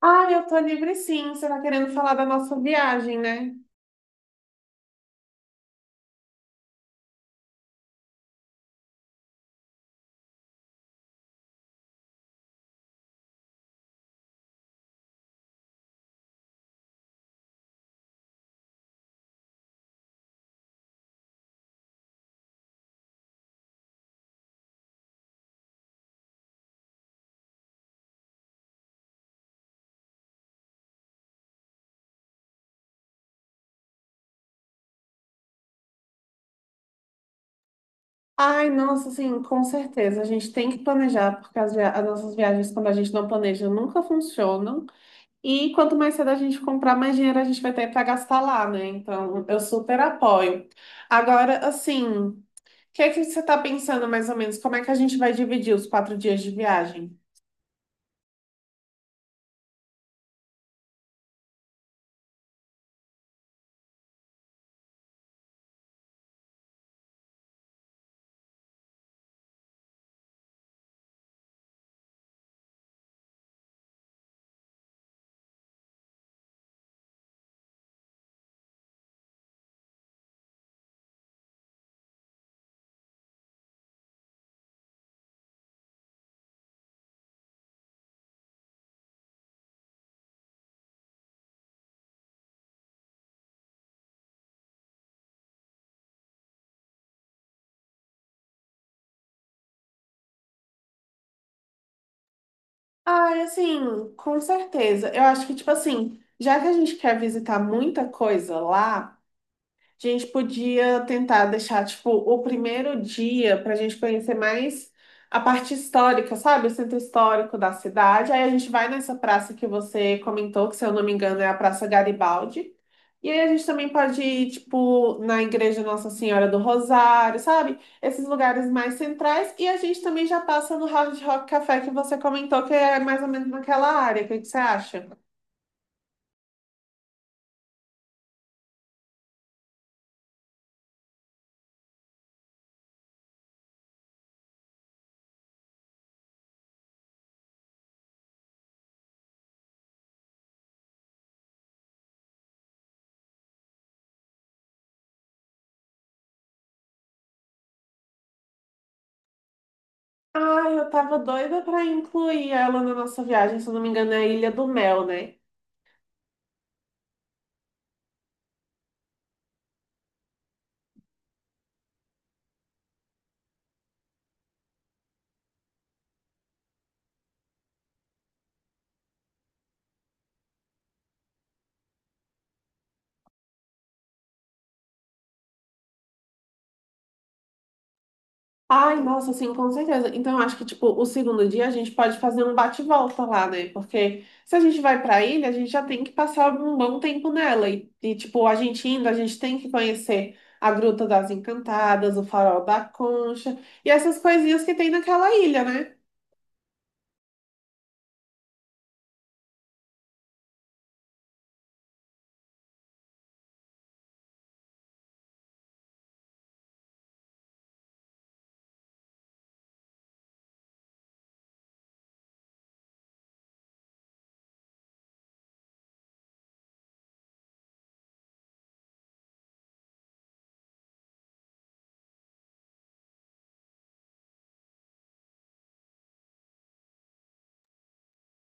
Ah, eu tô livre sim. Você tá querendo falar da nossa viagem, né? Ai, nossa, sim, com certeza. A gente tem que planejar, porque as nossas viagens, quando a gente não planeja, nunca funcionam. E quanto mais cedo a gente comprar, mais dinheiro a gente vai ter para gastar lá, né? Então, eu super apoio. Agora, assim, o que é que você tá pensando mais ou menos? Como é que a gente vai dividir os 4 dias de viagem? Ah, assim, com certeza. Eu acho que, tipo assim, já que a gente quer visitar muita coisa lá, a gente podia tentar deixar, tipo, o primeiro dia para a gente conhecer mais a parte histórica, sabe? O centro histórico da cidade. Aí a gente vai nessa praça que você comentou, que se eu não me engano é a Praça Garibaldi. E aí a gente também pode ir, tipo, na Igreja Nossa Senhora do Rosário, sabe? Esses lugares mais centrais. E a gente também já passa no Hard Rock Café que você comentou, que é mais ou menos naquela área. O que que você acha? Ai, eu tava doida pra incluir ela na nossa viagem, se eu não me engano, é a Ilha do Mel, né? Ai, nossa, sim, com certeza. Então, eu acho que, tipo, o segundo dia a gente pode fazer um bate-volta lá, né? Porque se a gente vai pra ilha, a gente já tem que passar um bom tempo nela. E, tipo, a gente indo, a gente tem que conhecer a Gruta das Encantadas, o Farol da Concha e essas coisinhas que tem naquela ilha, né?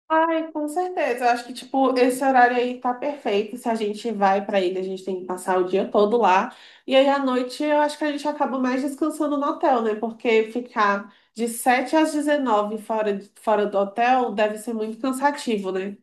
Ai, com certeza. Eu acho que, tipo, esse horário aí tá perfeito. Se a gente vai pra ilha, a gente tem que passar o dia todo lá. E aí, à noite, eu acho que a gente acaba mais descansando no hotel, né? Porque ficar de 7 às 19 fora do hotel deve ser muito cansativo, né?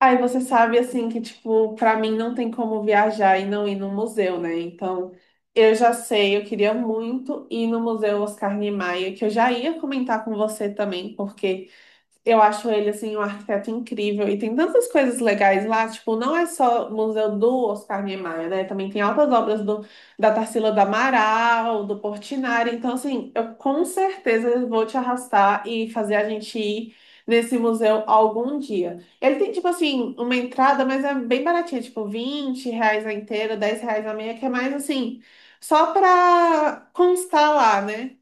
Aí você sabe assim que tipo, pra mim não tem como viajar e não ir no museu, né? Então, eu já sei, eu queria muito ir no Museu Oscar Niemeyer, que eu já ia comentar com você também, porque eu acho ele assim um arquiteto incrível e tem tantas coisas legais lá, tipo, não é só o Museu do Oscar Niemeyer, né? Também tem altas obras do da Tarsila do Amaral, do Portinari. Então, assim, eu com certeza vou te arrastar e fazer a gente ir nesse museu algum dia. Ele tem, tipo assim, uma entrada, mas é bem baratinha, tipo R$ 20 a inteira, R$ 10 a meia, que é mais assim, só pra constar lá, né?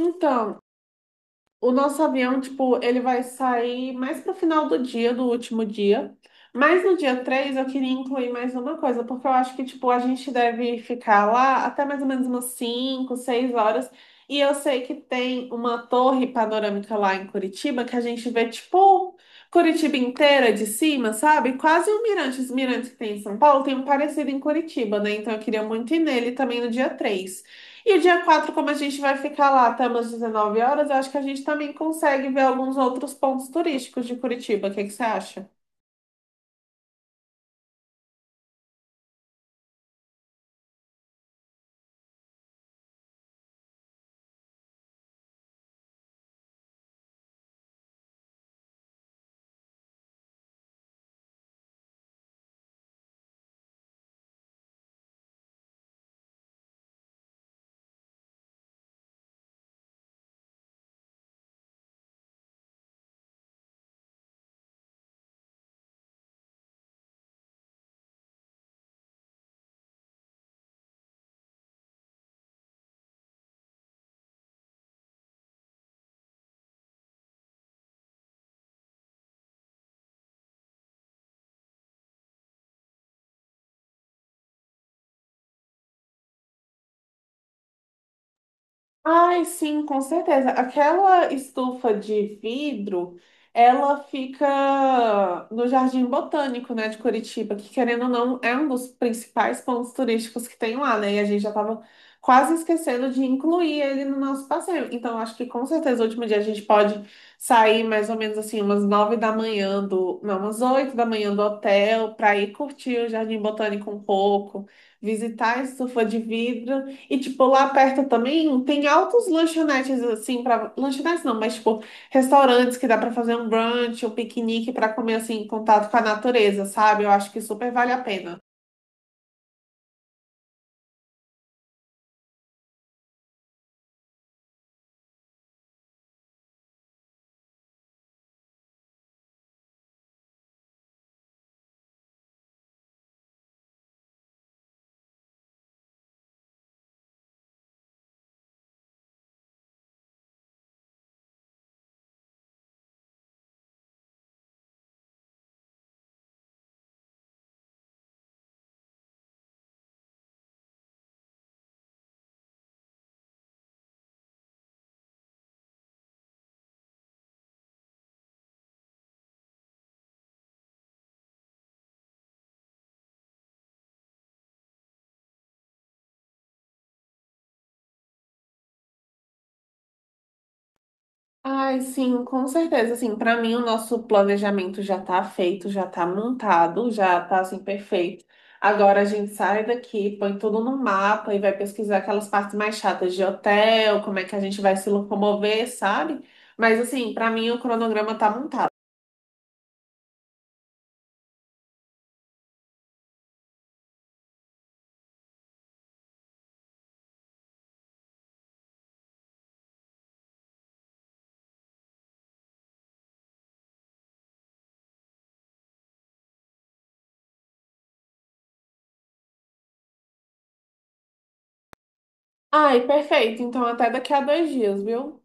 Então, o nosso avião, tipo, ele vai sair mais pro final do dia, do último dia. Mas no dia 3 eu queria incluir mais uma coisa, porque eu acho que, tipo, a gente deve ficar lá até mais ou menos umas 5 6 horas. E eu sei que tem uma torre panorâmica lá em Curitiba que a gente vê, tipo, Curitiba inteira de cima, sabe? Quase um mirante. Os mirantes que tem em São Paulo tem um parecido em Curitiba, né? Então eu queria muito ir nele também no dia 3, e o dia 4, como a gente vai ficar lá até umas 19 horas, eu acho que a gente também consegue ver alguns outros pontos turísticos de Curitiba. O que que você acha? Ai, sim, com certeza. Aquela estufa de vidro, ela fica no Jardim Botânico, né, de Curitiba, que querendo ou não, é um dos principais pontos turísticos que tem lá, né? E a gente já estava quase esquecendo de incluir ele no nosso passeio. Então, acho que com certeza o último dia a gente pode sair mais ou menos assim, umas 9 da manhã do, não, umas 8 da manhã do hotel, para ir curtir o Jardim Botânico um pouco, visitar a estufa de vidro. E, tipo, lá perto também tem altos lanchonetes, assim, para lanchonetes não, mas, tipo, restaurantes que dá para fazer um brunch, um piquenique para comer, assim, em contato com a natureza, sabe? Eu acho que super vale a pena. Ai, sim, com certeza. Assim, para mim, o nosso planejamento já tá feito, já tá montado, já tá, assim, perfeito. Agora a gente sai daqui, põe tudo no mapa e vai pesquisar aquelas partes mais chatas de hotel, como é que a gente vai se locomover, sabe? Mas, assim, para mim, o cronograma tá montado. Ai, perfeito. Então, até daqui a 2 dias, viu?